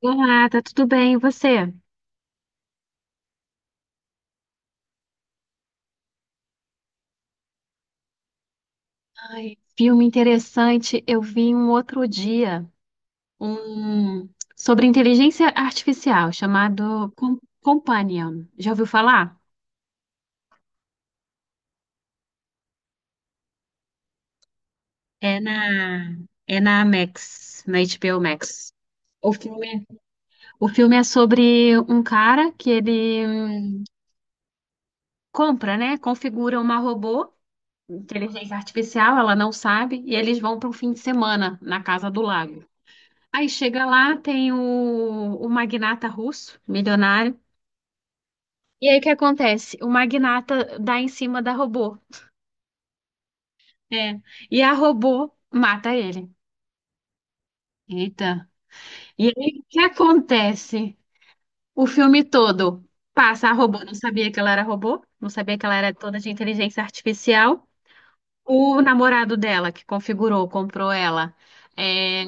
Olá, tá tudo bem? E você? Ai, filme interessante. Eu vi um outro dia um sobre inteligência artificial chamado Companion. Já ouviu falar? É na é na Max, na HBO Max. O filme, o filme é sobre um cara que ele compra, né? Configura uma robô, inteligência artificial, ela não sabe, e eles vão para um fim de semana na casa do lago. Aí chega lá, tem o magnata russo, milionário. E aí o que acontece? O magnata dá em cima da robô. É. E a robô mata ele. Eita. E aí o que acontece? O filme todo passa a robô. Não sabia que ela era robô, não sabia que ela era toda de inteligência artificial. O namorado dela que configurou, comprou ela, é,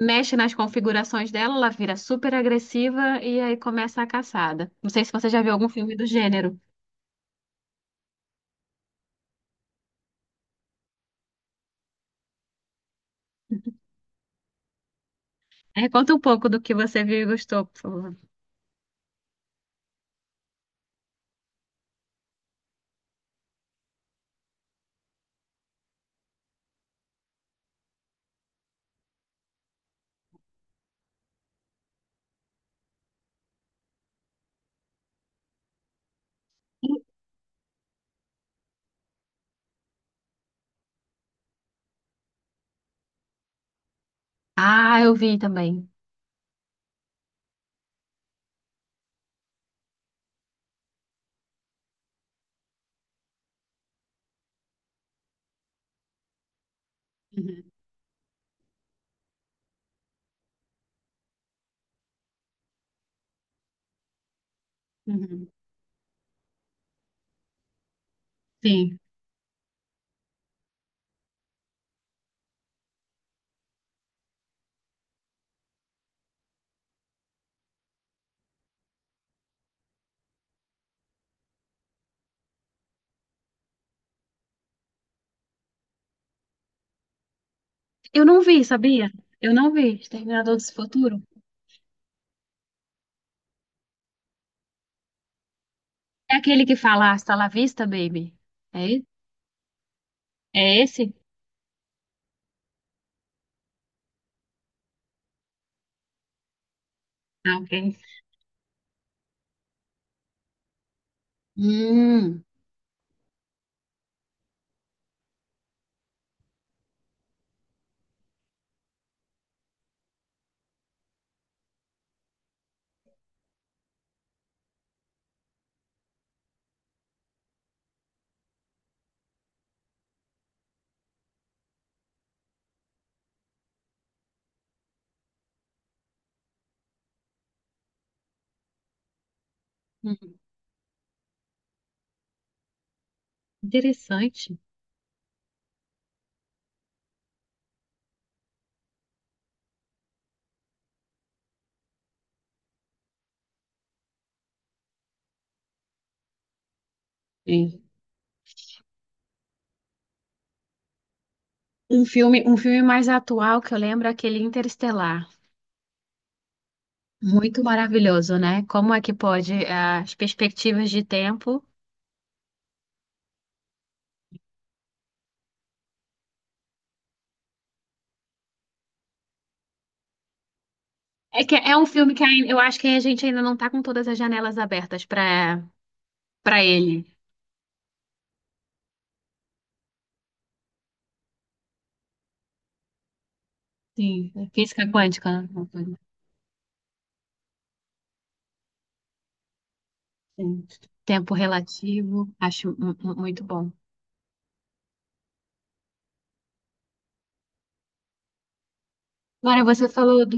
mexe nas configurações dela, ela vira super agressiva e aí começa a caçada. Não sei se você já viu algum filme do gênero. É, conta um pouco do que você viu e gostou, por favor. Ah, eu vi também. Uhum, uhum. Sim. Eu não vi, sabia? Eu não vi. Exterminador do Futuro. É aquele que fala Hasta la vista, baby. É, é esse? Ah, ok. Hum, hum, interessante. É. Um filme mais atual que eu lembro é aquele Interestelar. Muito maravilhoso, né? Como é que pode as perspectivas de tempo? É que é um filme que eu acho que a gente ainda não tá com todas as janelas abertas para ele. Sim, é física quântica, né? Uma coisa assim. Tempo relativo, acho muito bom. Agora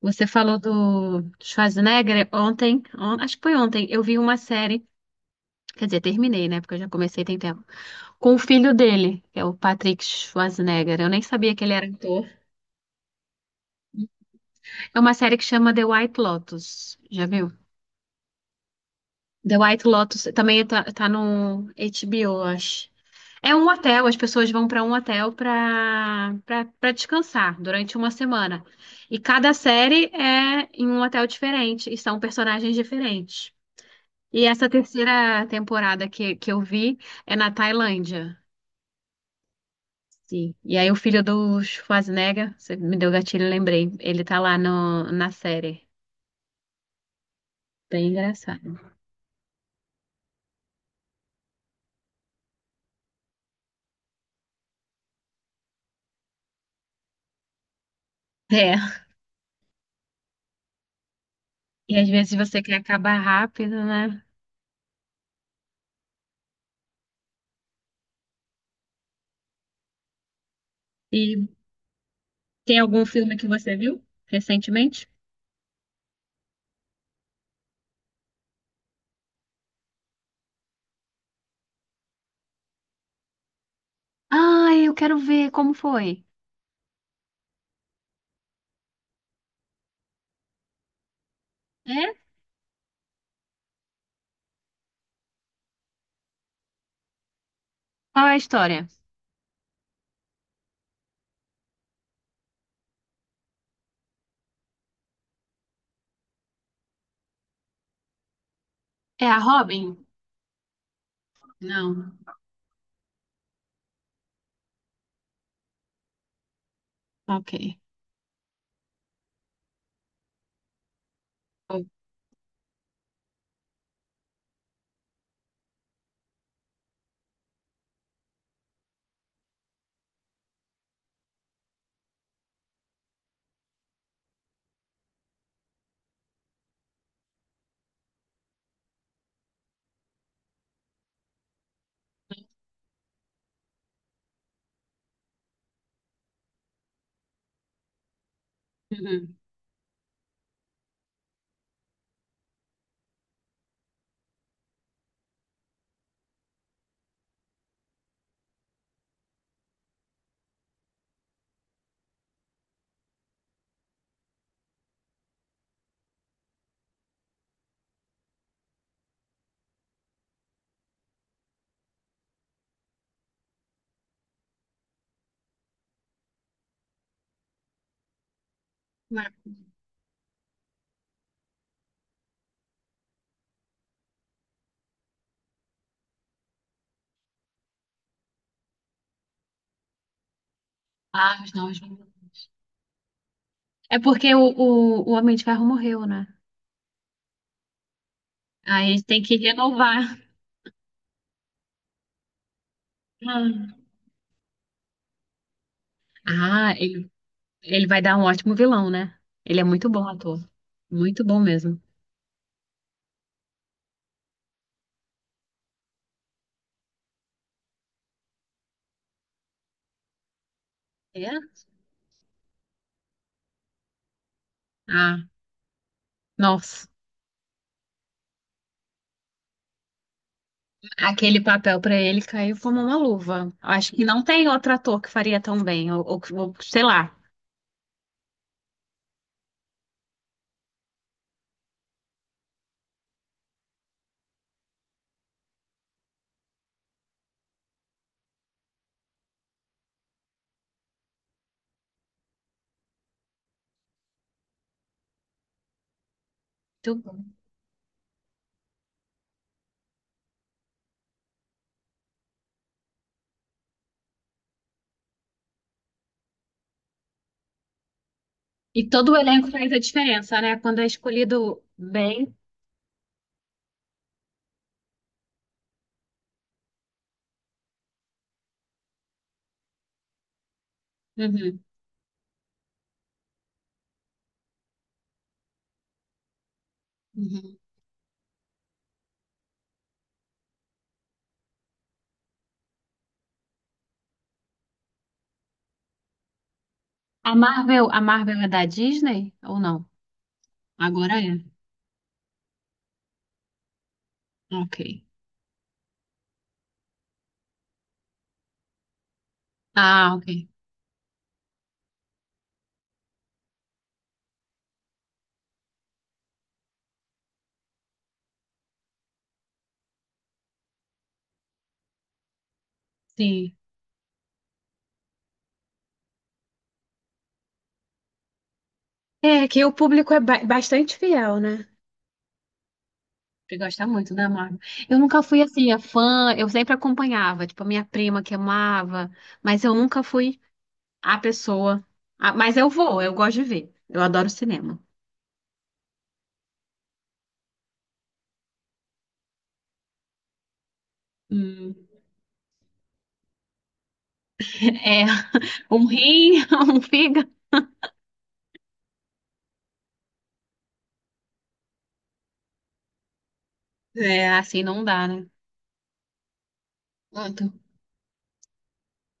você falou do Schwarzenegger ontem, acho que foi ontem, eu vi uma série, quer dizer, terminei, né? Porque eu já comecei tem tempo, com o filho dele, que é o Patrick Schwarzenegger. Eu nem sabia que ele era ator. É uma série que chama The White Lotus. Já viu? The White Lotus também tá no HBO, eu acho. É um hotel, as pessoas vão para um hotel para descansar durante uma semana. E cada série é em um hotel diferente e são personagens diferentes. E essa terceira temporada que eu vi é na Tailândia. Sim. E aí o filho do Schwarzenegger, você me deu gatilho, lembrei. Ele tá lá no, na série. Bem engraçado. É. E às vezes você quer acabar rápido, né? E tem algum filme que você viu recentemente? Ai, eu quero ver como foi. É? Qual é a história? É a Robin? Não. Ok. Uhum. Ah, os novos. É porque o Homem de Ferro morreu, né? Aí tem que renovar. Ah, ah, ele. Ele vai dar um ótimo vilão, né? Ele é muito bom ator. Muito bom mesmo. É? Ah, nossa. Aquele papel pra ele caiu como uma luva. Acho que não tem outro ator que faria tão bem, ou sei lá. Muito bom. E todo o elenco faz a diferença, né? Quando é escolhido bem. Uhum, uhum. A Marvel é da Disney ou não? Agora é. Ok. Ah, ok. Sim. É que o público é bastante fiel, né? Você gosta muito da Marvel. Eu nunca fui assim, a fã, eu sempre acompanhava, tipo, a minha prima que amava, mas eu nunca fui a pessoa. Ah, mas eu vou, eu gosto de ver. Eu adoro cinema. Hum, É, um rim, um fígado. É, assim não dá, né? Pronto.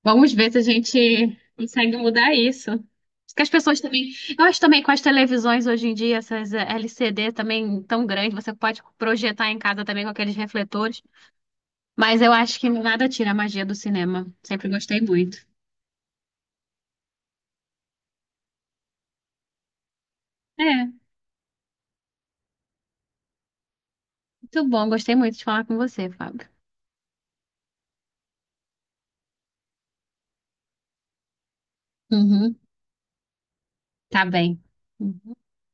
Vamos ver se a gente consegue mudar isso. Porque as pessoas também. Eu acho também com as televisões hoje em dia, essas LCD também tão grandes, você pode projetar em casa também com aqueles refletores. Mas eu acho que nada tira a magia do cinema. Sempre gostei muito. É, muito bom. Gostei muito de falar com você, Fábio. Uhum, tá bem.